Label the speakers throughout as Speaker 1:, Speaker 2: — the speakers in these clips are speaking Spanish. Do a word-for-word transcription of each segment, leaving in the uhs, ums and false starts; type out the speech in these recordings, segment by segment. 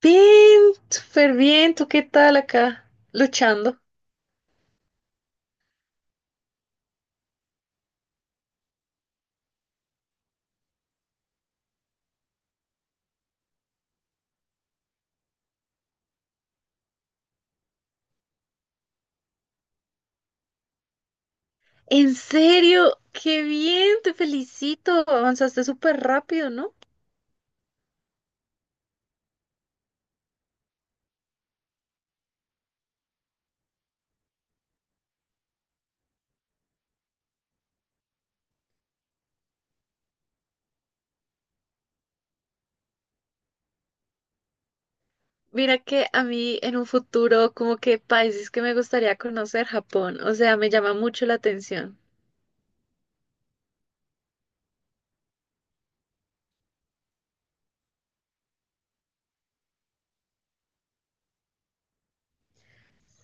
Speaker 1: Bien, súper bien. ¿Tú qué tal acá? Luchando. En serio, qué bien, te felicito. Avanzaste súper rápido, ¿no? Mira que a mí en un futuro, como que países que me gustaría conocer, Japón. O sea, me llama mucho la atención.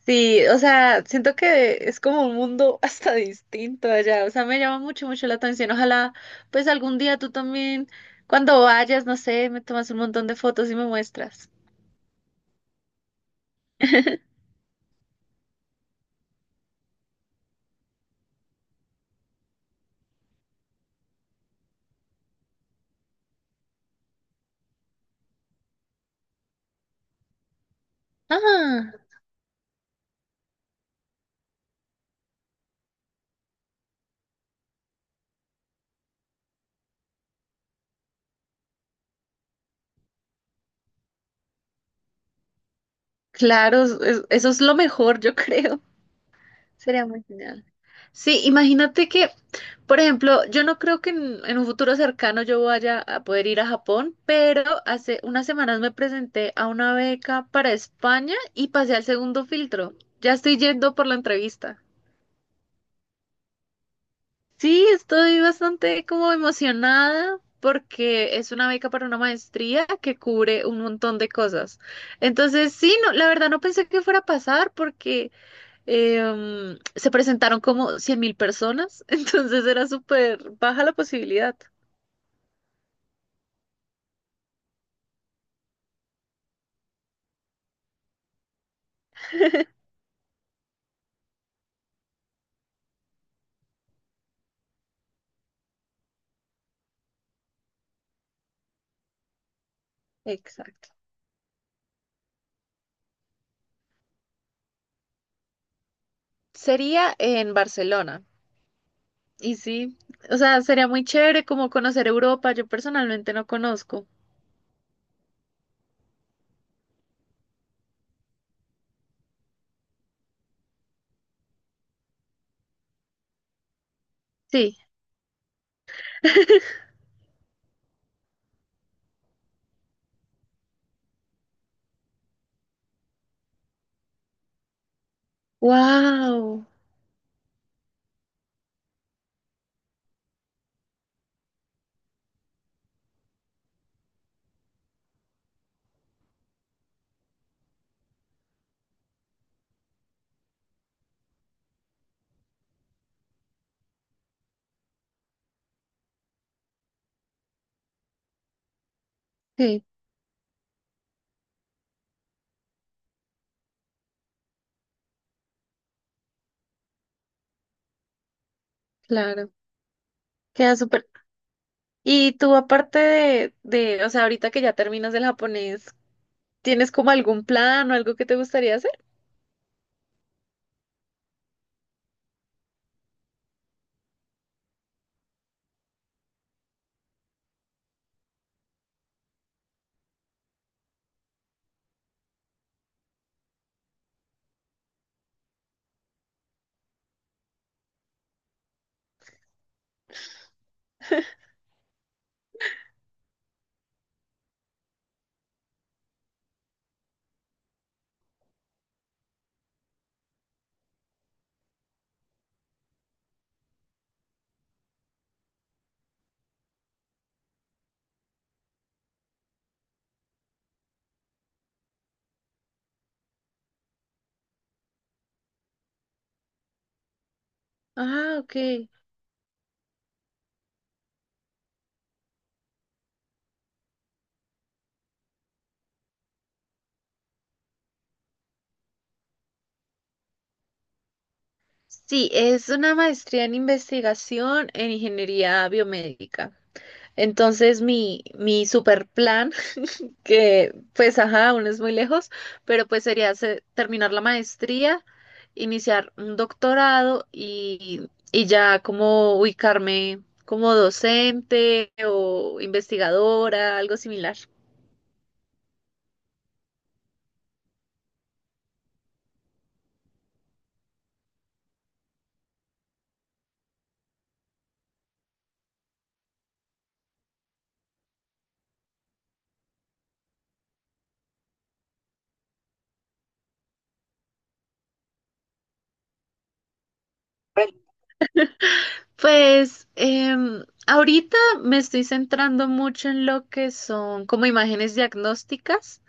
Speaker 1: Sí, o sea, siento que es como un mundo hasta distinto allá. O sea, me llama mucho, mucho la atención. Ojalá, pues algún día tú también, cuando vayas, no sé, me tomas un montón de fotos y me muestras. Ah. Claro, es- es- eso es lo mejor, yo creo. Sería muy genial. Sí, imagínate que, por ejemplo, yo no creo que en, en un futuro cercano yo vaya a poder ir a Japón, pero hace unas semanas me presenté a una beca para España y pasé al segundo filtro. Ya estoy yendo por la entrevista. Sí, estoy bastante como emocionada porque es una beca para una maestría que cubre un montón de cosas. Entonces, sí, no, la verdad no pensé que fuera a pasar porque em, se presentaron como cien mil personas, entonces era súper baja la posibilidad. Exacto. Sería en Barcelona. Y sí, o sea, sería muy chévere como conocer Europa. Yo personalmente no conozco. Sí. Wow. Sí, claro. Queda súper. Y tú, aparte de, de, o sea, ahorita que ya terminas el japonés, ¿tienes como algún plan o algo que te gustaría hacer? Ah, ok. Sí, es una maestría en investigación en ingeniería biomédica. Entonces, mi, mi super plan, que pues, ajá, aún es muy lejos, pero pues sería hacer- terminar la maestría, iniciar un doctorado y, y ya como ubicarme como docente o investigadora, algo similar. Pues em, ahorita me estoy centrando mucho en lo que son como imágenes diagnósticas.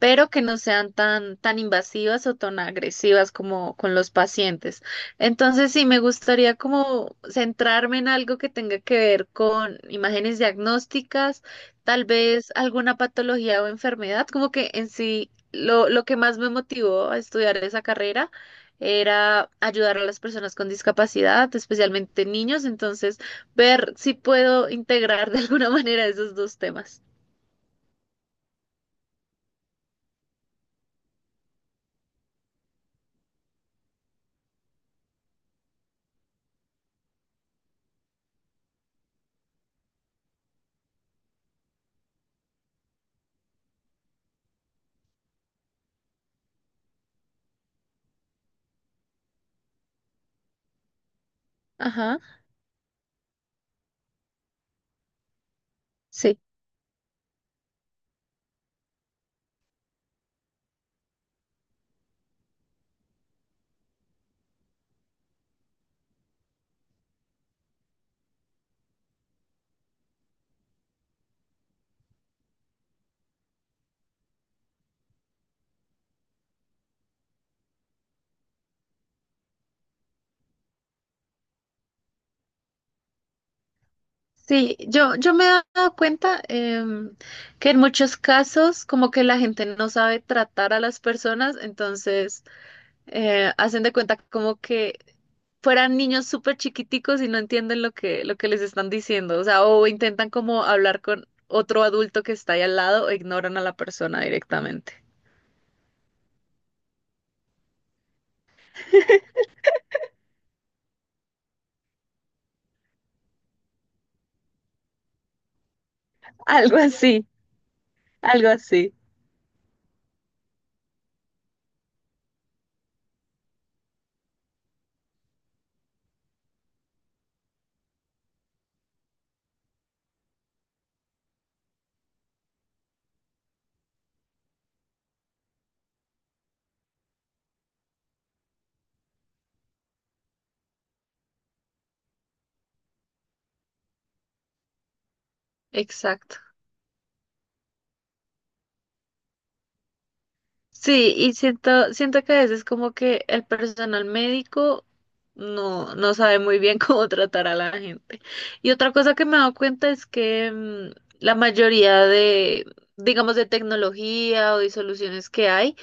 Speaker 1: Pero que no sean tan, tan invasivas o tan agresivas como con los pacientes. Entonces, sí, me gustaría como centrarme en algo que tenga que ver con imágenes diagnósticas, tal vez alguna patología o enfermedad, como que en sí lo, lo que más me motivó a estudiar esa carrera era ayudar a las personas con discapacidad, especialmente niños, entonces ver si puedo integrar de alguna manera esos dos temas. Ajá, sí. Sí, yo, yo me he dado cuenta em, que en muchos casos como que la gente no sabe tratar a las personas, entonces eh, hacen de cuenta como que fueran niños súper chiquiticos y no entienden lo que, lo que les están diciendo, o sea, o intentan como hablar con otro adulto que está ahí al lado o ignoran a la persona directamente. Algo así, algo así. Exacto. Sí, y siento, siento que a veces como que el personal médico no, no sabe muy bien cómo tratar a la gente. Y otra cosa que me he dado cuenta es que mm, la mayoría de, digamos, de tecnología o de soluciones que hay,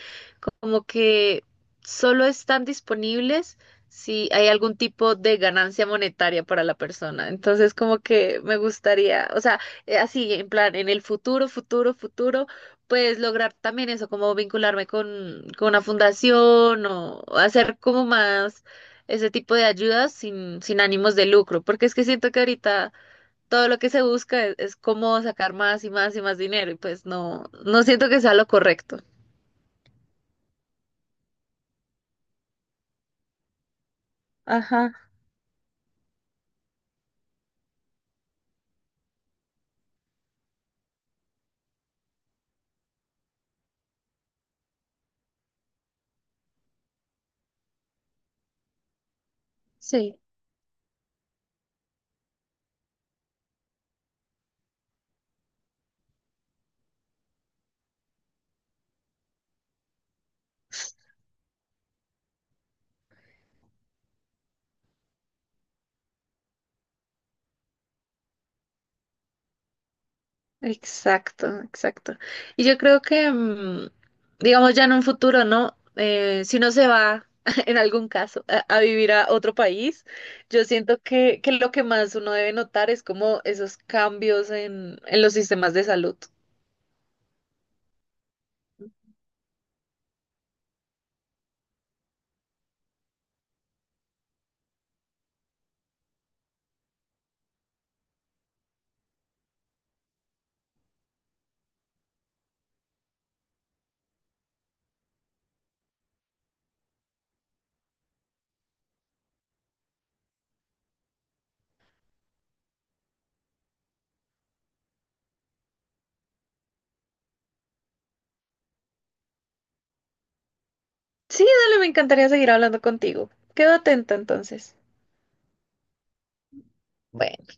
Speaker 1: como que solo están disponibles si hay algún tipo de ganancia monetaria para la persona. Entonces, como que me gustaría, o sea, eh, así, en plan, en el futuro, futuro, futuro, pues lograr también eso, como vincularme con, con una fundación o hacer como más ese tipo de ayudas sin, sin ánimos de lucro, porque es que siento que ahorita... Todo lo que se busca es, es cómo sacar más y más y más dinero, y pues no, no siento que sea lo correcto. Ajá, sí. Exacto, exacto. Y yo creo que, mm, digamos, ya en un futuro, ¿no? Eh, si uno se va, en algún caso, a, a vivir a otro país, yo siento que, que lo que más uno debe notar es como esos cambios en, en los sistemas de salud. Sí, dale, me encantaría seguir hablando contigo. Quedo atenta entonces. Bueno.